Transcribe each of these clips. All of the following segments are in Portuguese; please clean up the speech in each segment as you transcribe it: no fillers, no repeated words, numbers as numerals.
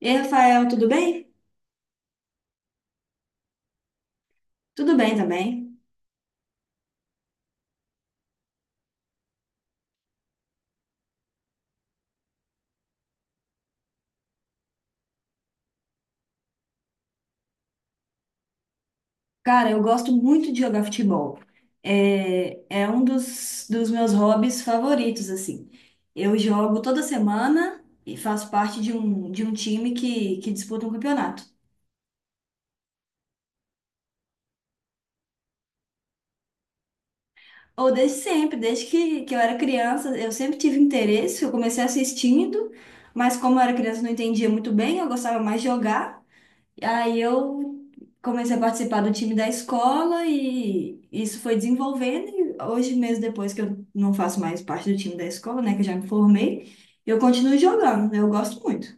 E aí, Rafael, tudo bem? Tudo bem também. Cara, eu gosto muito de jogar futebol. É um dos meus hobbies favoritos, assim. Eu jogo toda semana e faço parte de um time que disputa um campeonato. Ou desde sempre, desde que eu era criança, eu sempre tive interesse. Eu comecei assistindo, mas como eu era criança, não entendia muito bem, eu gostava mais de jogar. Aí eu comecei a participar do time da escola e isso foi desenvolvendo. E hoje, mesmo depois que eu não faço mais parte do time da escola, né, que eu já me formei, eu continuo jogando, eu gosto muito.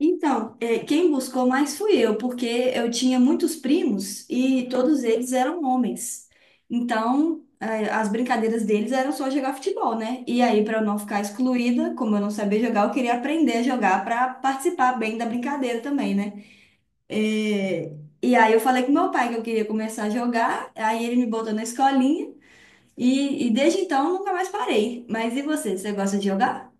Então, quem buscou mais fui eu, porque eu tinha muitos primos e todos eles eram homens. Então, as brincadeiras deles eram só jogar futebol, né? E aí, para eu não ficar excluída, como eu não sabia jogar, eu queria aprender a jogar para participar bem da brincadeira também, né? É, e aí eu falei com meu pai que eu queria começar a jogar, aí ele me botou na escolinha e desde então eu nunca mais parei. Mas e você, você gosta de jogar?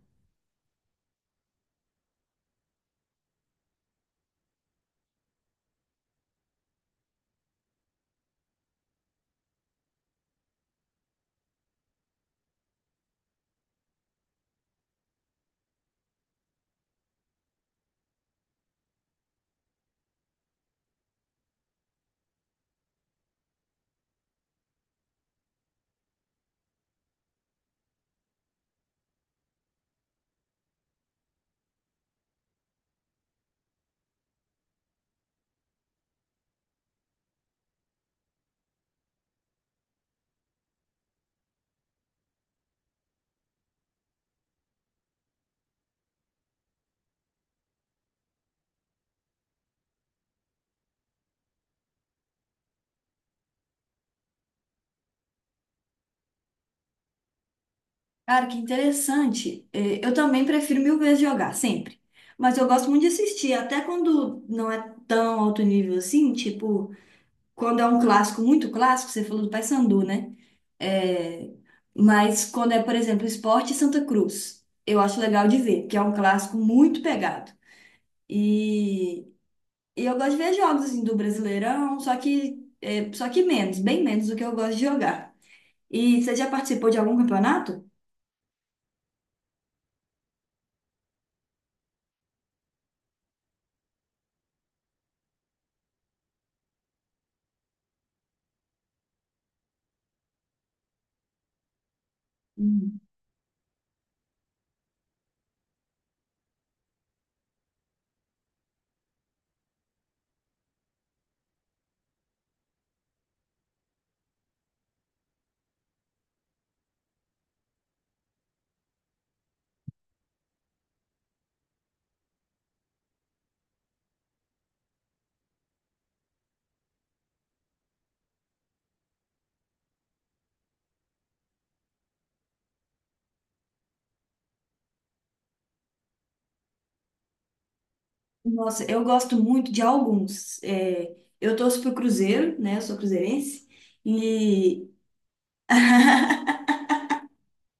Cara, que interessante. É, eu também prefiro mil vezes jogar, sempre. Mas eu gosto muito de assistir, até quando não é tão alto nível assim, tipo, quando é um clássico, muito clássico, você falou do Paysandu, né? É, mas quando é, por exemplo, Sport e Santa Cruz, eu acho legal de ver, que é um clássico muito pegado. E, E eu gosto de ver jogos assim do Brasileirão, só que menos, bem menos do que eu gosto de jogar. E você já participou de algum campeonato? Hum. Nossa, eu gosto muito de alguns. É, eu torço pro Cruzeiro, né? Eu sou cruzeirense. E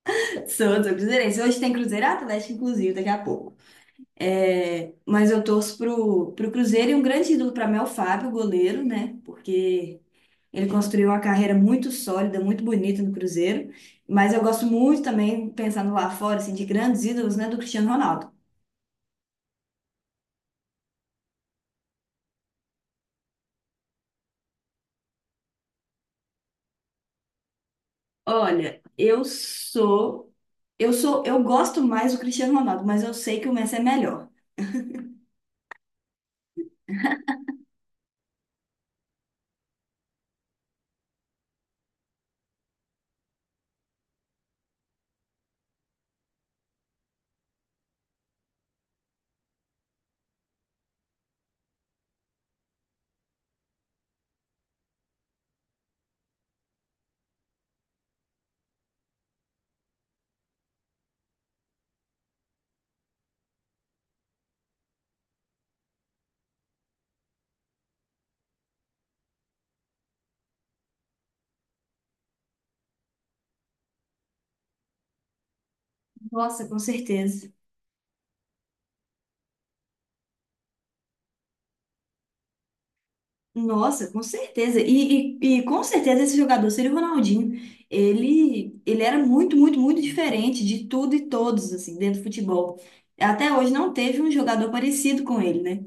sou cruzeirense. Hoje tem Cruzeiro Atlético, inclusive, daqui a pouco. É, mas eu torço pro Cruzeiro e um grande ídolo para mim é o Fábio, goleiro, né? Porque ele construiu uma carreira muito sólida, muito bonita no Cruzeiro, mas eu gosto muito também, pensando lá fora, assim, de grandes ídolos, né, do Cristiano Ronaldo. Olha, eu gosto mais do Cristiano Ronaldo, mas eu sei que o Messi é melhor. Nossa, com certeza. Nossa, com certeza. E com certeza esse jogador seria o Ronaldinho. Ele era muito diferente de tudo e todos, assim, dentro do futebol. Até hoje não teve um jogador parecido com ele, né?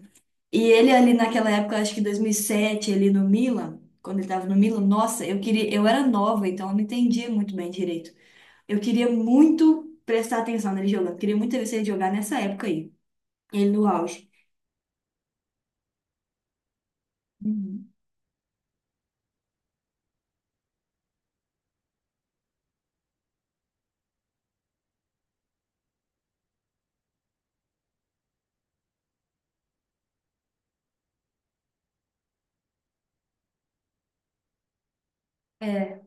E ele ali naquela época, acho que 2007 ele no Milan, quando ele tava no Milan, nossa, eu queria, eu era nova, então eu não entendia muito bem direito. Eu queria muito prestar atenção nele jogando, queria muito ver se ele jogar nessa época aí, ele no auge. Uhum. É.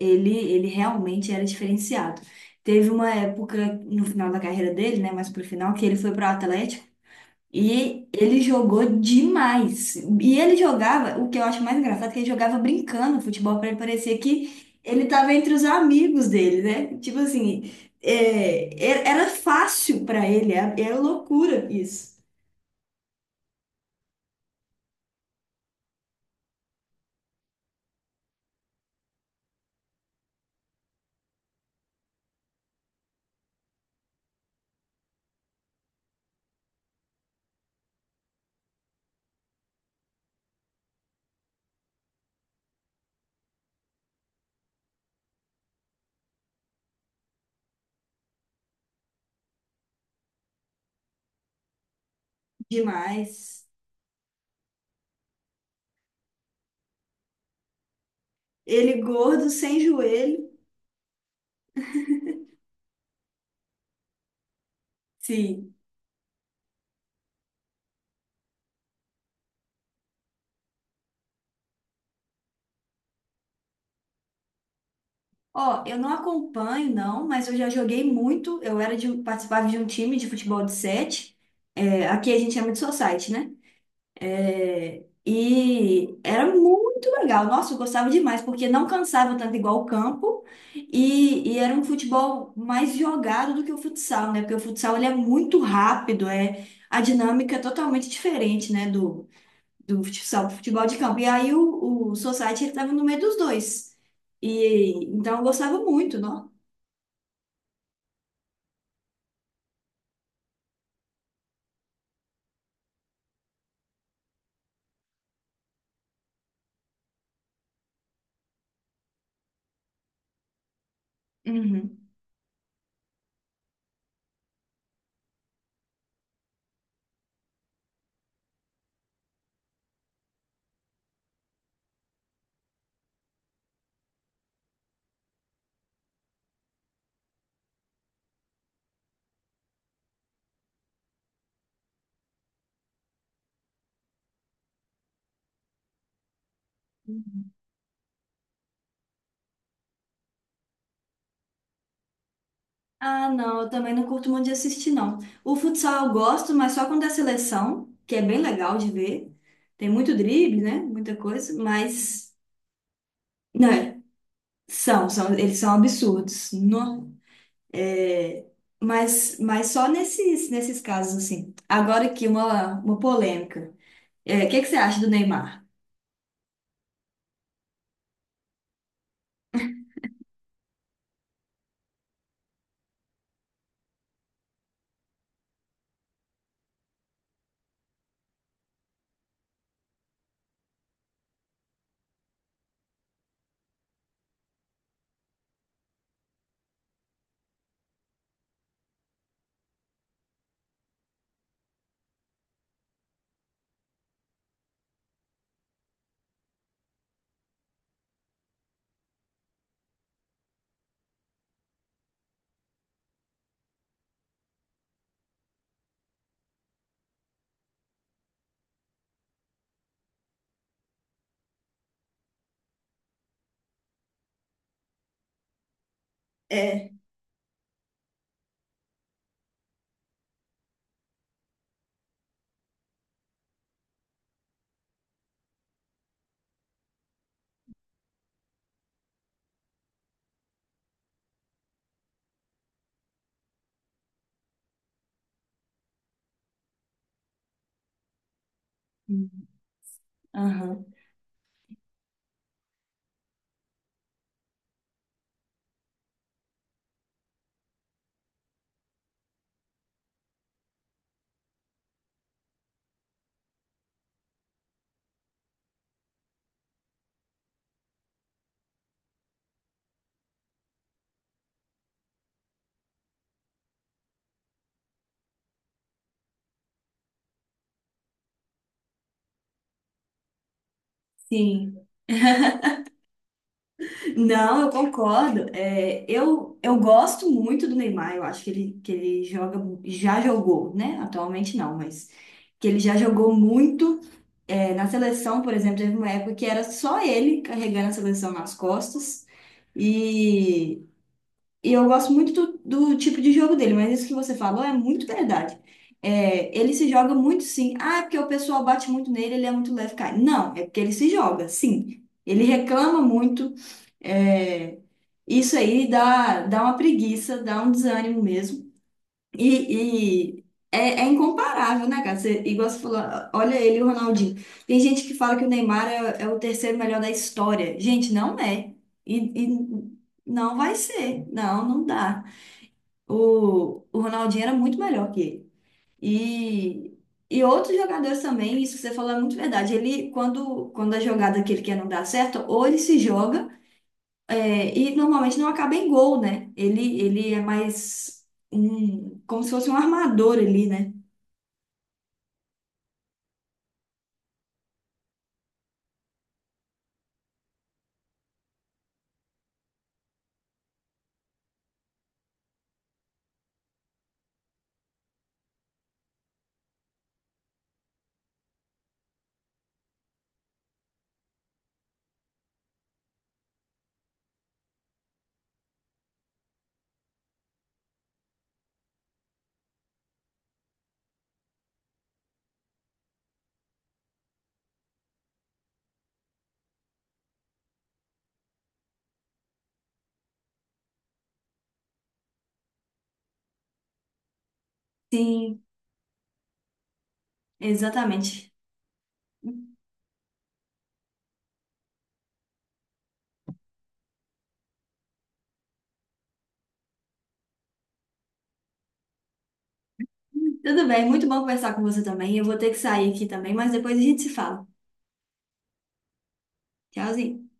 Ele realmente era diferenciado. Teve uma época no final da carreira dele, né, mais pro final, que ele foi pro Atlético e ele jogou demais. E ele jogava, o que eu acho mais engraçado, é que ele jogava brincando futebol, para ele parecer que ele estava entre os amigos dele, né? Tipo assim, é, era fácil para ele, era loucura isso. Demais. Ele gordo, sem joelho. Sim. Ó, eu não acompanho, não, mas eu já joguei muito. Eu era de, participava de um time de futebol de sete. É, aqui a gente chama de society, né? É, e era muito legal. Nossa, eu gostava demais, porque não cansava tanto igual o campo e era um futebol mais jogado do que o futsal, né? Porque o futsal ele é muito rápido, é a dinâmica é totalmente diferente, né, do futsal, do futebol de campo. E aí o Society ele estava no meio dos dois. E então eu gostava muito, não? Uhum. Ah, não, eu também não curto muito de assistir, não. O futsal eu gosto, mas só quando é seleção, que é bem legal de ver. Tem muito drible, né? Muita coisa, mas. Não, é, eles são absurdos. No, é, mas só nesses casos, assim. Agora aqui, uma polêmica. É, o que que você acha do Neymar? É. Aham. Sim. Não, eu concordo. Eu gosto muito do Neymar. Eu acho que ele joga, já jogou, né? Atualmente não, mas que ele já jogou muito. É, na seleção, por exemplo, teve uma época que era só ele carregando a seleção nas costas. E, e eu gosto muito do tipo de jogo dele, mas isso que você falou é muito verdade. É, ele se joga muito sim. Ah, é porque o pessoal bate muito nele, ele é muito leve, cara. Não, é porque ele se joga, sim. Ele reclama muito. É, isso aí dá, dá uma preguiça, dá um desânimo mesmo. E é, é incomparável, né, cara? Você, igual você falou, olha ele e o Ronaldinho. Tem gente que fala que o Neymar é o terceiro melhor da história. Gente, não é. E não vai ser. Não, não dá. O Ronaldinho era muito melhor que ele. E, e outros jogadores também, isso que você falou é muito verdade. Ele, quando a jogada que ele quer não dá certo, ou ele se joga. É, e normalmente não acaba em gol, né? Ele é mais um, como se fosse um armador ali, né? Sim, exatamente. Tudo bem, muito bom conversar com você também. Eu vou ter que sair aqui também, mas depois a gente se fala. Tchauzinho.